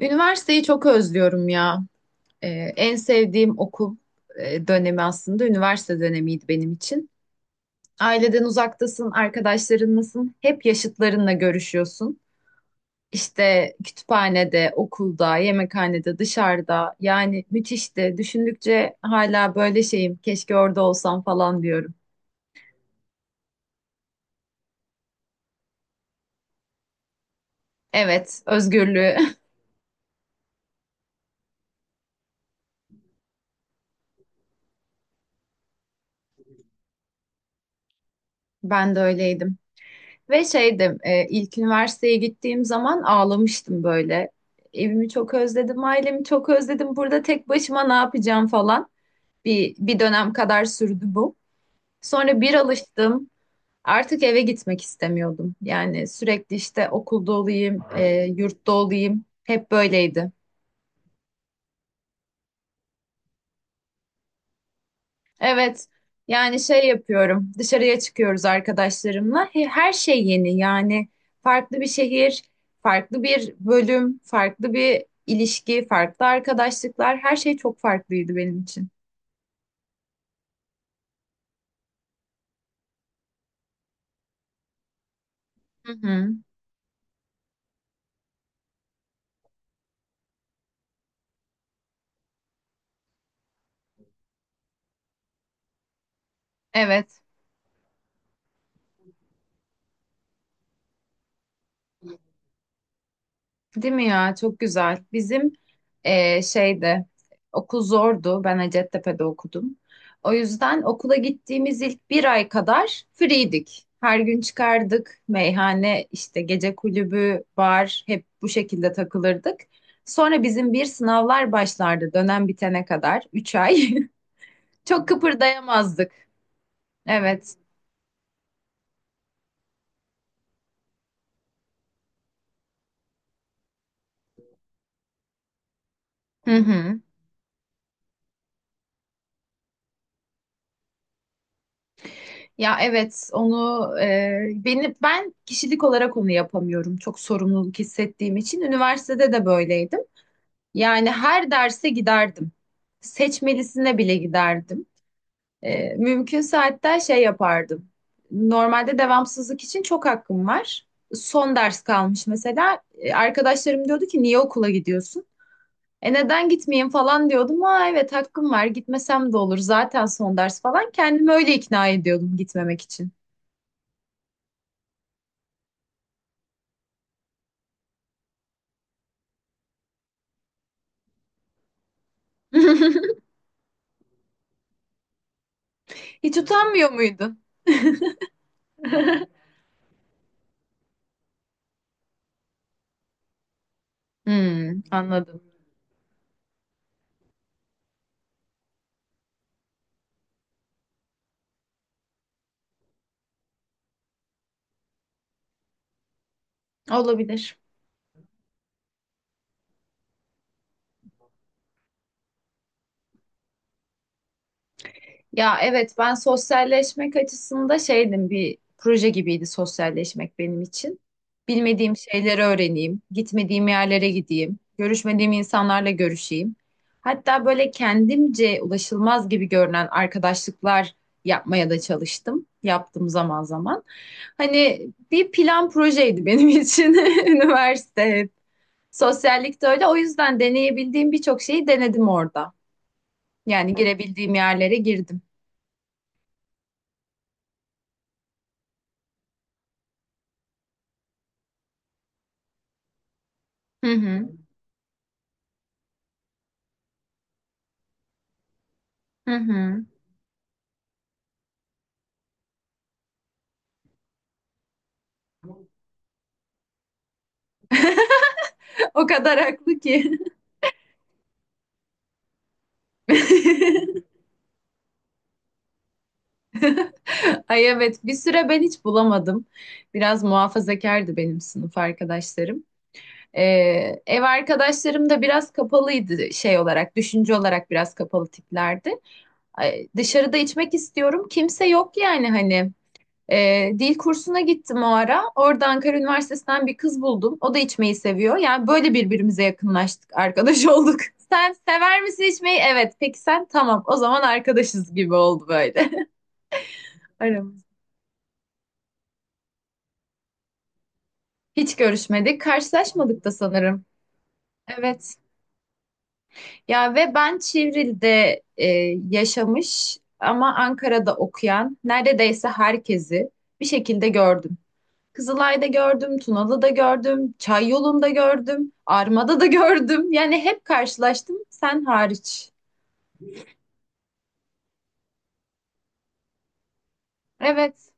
Üniversiteyi çok özlüyorum ya. Ee, en sevdiğim okul dönemi aslında üniversite dönemiydi benim için. Aileden uzaktasın, arkadaşlarınlasın, hep yaşıtlarınla görüşüyorsun. İşte kütüphanede, okulda, yemekhanede, dışarıda. Yani müthişti. Düşündükçe hala böyle şeyim. Keşke orada olsam falan diyorum. Evet, özgürlüğü. Ben de öyleydim. Ve şeydim ilk üniversiteye gittiğim zaman ağlamıştım böyle. Evimi çok özledim, ailemi çok özledim. Burada tek başıma ne yapacağım falan. Bir dönem kadar sürdü bu. Sonra bir alıştım. Artık eve gitmek istemiyordum. Yani sürekli işte okulda olayım, yurtta olayım. Hep böyleydi. Evet. Yani şey yapıyorum. Dışarıya çıkıyoruz arkadaşlarımla. Her şey yeni. Yani farklı bir şehir, farklı bir bölüm, farklı bir ilişki, farklı arkadaşlıklar. Her şey çok farklıydı benim için. Hı hı. Evet. Değil mi ya? Çok güzel. Bizim şeyde okul zordu. Ben Hacettepe'de okudum. O yüzden okula gittiğimiz ilk bir ay kadar free'dik. Her gün çıkardık. Meyhane, işte gece kulübü, bar hep bu şekilde takılırdık. Sonra bizim bir sınavlar başlardı dönem bitene kadar. 3 ay. Çok kıpırdayamazdık. Evet. Hı hı. Ya evet onu ben kişilik olarak onu yapamıyorum, çok sorumluluk hissettiğim için üniversitede de böyleydim. Yani her derse giderdim. Seçmelisine bile giderdim. Mümkünse hatta şey yapardım. Normalde devamsızlık için çok hakkım var. Son ders kalmış mesela. Arkadaşlarım diyordu ki niye okula gidiyorsun? Neden gitmeyeyim falan diyordum. Aa evet, hakkım var, gitmesem de olur zaten son ders falan. Kendimi öyle ikna ediyordum gitmemek için. Hiç utanmıyor muydun? Hmm, anladım. Olabilir. Ya evet, ben sosyalleşmek açısında şeydim, bir proje gibiydi sosyalleşmek benim için. Bilmediğim şeyleri öğreneyim, gitmediğim yerlere gideyim, görüşmediğim insanlarla görüşeyim. Hatta böyle kendimce ulaşılmaz gibi görünen arkadaşlıklar yapmaya da çalıştım. Yaptım zaman zaman. Hani bir plan projeydi benim için üniversite. Sosyallikte öyle. O yüzden deneyebildiğim birçok şeyi denedim orada. Yani girebildiğim yerlere girdim. Hı hı. Hı hı. O kadar haklı ki. Ay evet, bir süre ben hiç bulamadım. Biraz muhafazakardı benim sınıf arkadaşlarım. Ev arkadaşlarım da biraz kapalıydı, şey olarak, düşünce olarak biraz kapalı tiplerdi. Ay, dışarıda içmek istiyorum. Kimse yok yani, hani. Dil kursuna gittim o ara. Orada Ankara Üniversitesi'nden bir kız buldum. O da içmeyi seviyor. Yani böyle birbirimize yakınlaştık, arkadaş olduk. Sen sever misin içmeyi? Evet. Peki sen? Tamam. O zaman arkadaşız gibi oldu böyle aramız. Hiç görüşmedik, karşılaşmadık da sanırım. Evet. Ya ve ben Çivril'de yaşamış ama Ankara'da okuyan neredeyse herkesi bir şekilde gördüm. Kızılay'da gördüm, Tunalı'da gördüm, Çayyolu'nda gördüm, Arma'da da gördüm. Yani hep karşılaştım, sen hariç. Evet,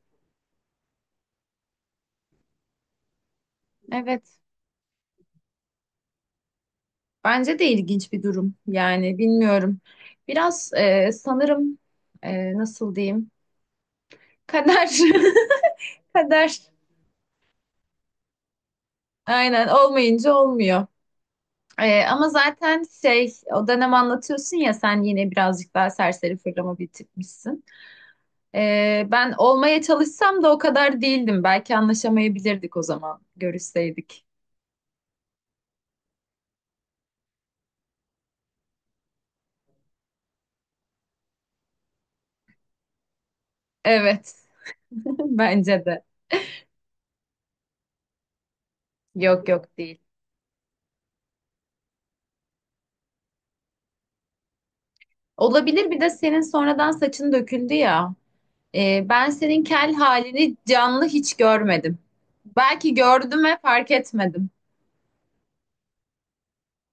evet. Bence de ilginç bir durum. Yani bilmiyorum. Biraz sanırım, nasıl diyeyim? Kader. Kader. Aynen, olmayınca olmuyor. Ama zaten şey, o dönem anlatıyorsun ya, sen yine birazcık daha serseri fırlama bir tipmişsin. Ben olmaya çalışsam da o kadar değildim. Belki anlaşamayabilirdik o zaman, görüşseydik. Evet, bence de. Yok, yok, değil. Olabilir, bir de senin sonradan saçın döküldü ya. Ben senin kel halini canlı hiç görmedim. Belki gördüm ve fark etmedim.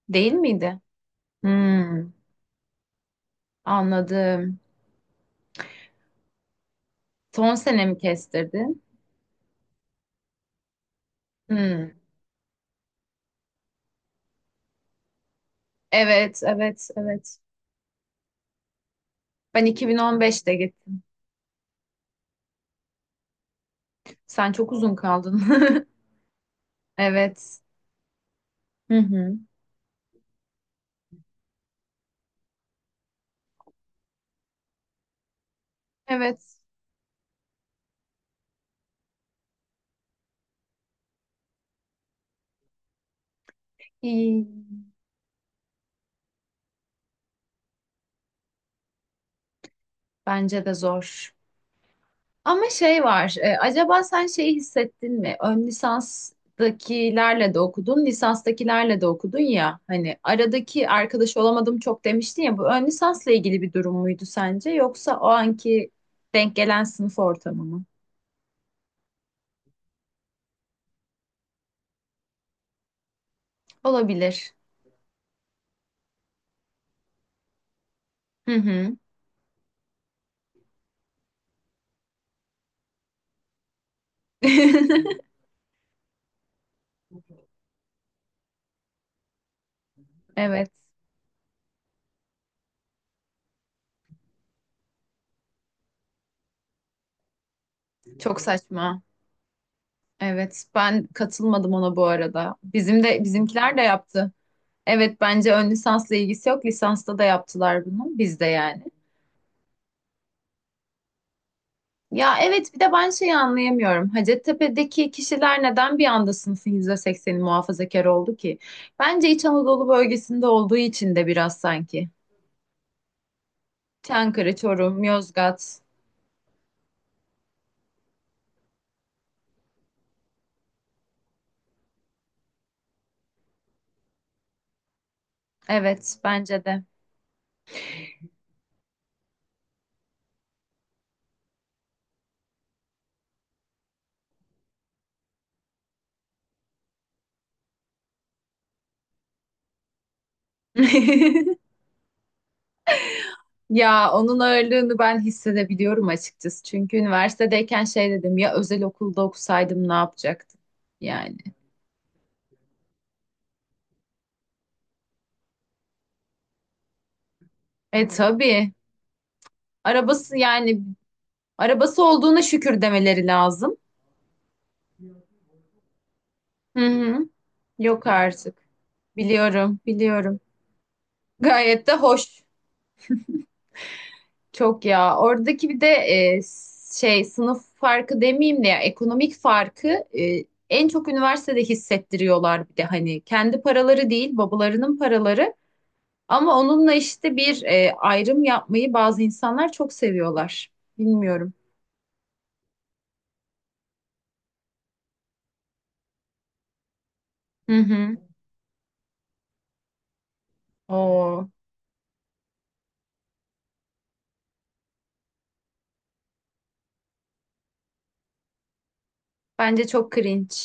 Değil miydi? Hmm, anladım. Son sene mi kestirdin? Hmm, evet, evet, evet. Ben 2015'te gittim. Sen çok uzun kaldın. Evet. Hı hı. Evet. İyi. Bence de zor. Ama şey var. Acaba sen şeyi hissettin mi? Ön lisanstakilerle de okudun, lisanstakilerle de okudun ya. Hani aradaki arkadaş olamadım çok demiştin ya. Bu ön lisansla ilgili bir durum muydu sence? Yoksa o anki denk gelen sınıf ortamı mı? Olabilir. Hı hı. Evet. Çok saçma. Evet. Ben katılmadım ona bu arada. Bizim de bizimkiler de yaptı. Evet, bence ön lisansla ilgisi yok. Lisansta da yaptılar bunu bizde yani. Ya evet, bir de ben şeyi anlayamıyorum. Hacettepe'deki kişiler neden bir anda sınıfın %80'i muhafazakar oldu ki? Bence İç Anadolu bölgesinde olduğu için de biraz sanki. Çankırı, Çorum, Yozgat. Evet bence de. Ya onun ağırlığını ben hissedebiliyorum açıkçası. Çünkü üniversitedeyken şey dedim ya, özel okulda okusaydım ne yapacaktım yani. E tabii. Arabası yani Arabası olduğuna şükür demeleri lazım. Hı hı. Yok artık. Biliyorum, biliyorum. Gayet de hoş. Çok ya. Oradaki bir de şey, sınıf farkı demeyeyim de ya, ekonomik farkı en çok üniversitede hissettiriyorlar, bir de hani kendi paraları değil, babalarının paraları, ama onunla işte bir ayrım yapmayı bazı insanlar çok seviyorlar. Bilmiyorum. Hı hı. Oo, bence çok cringe.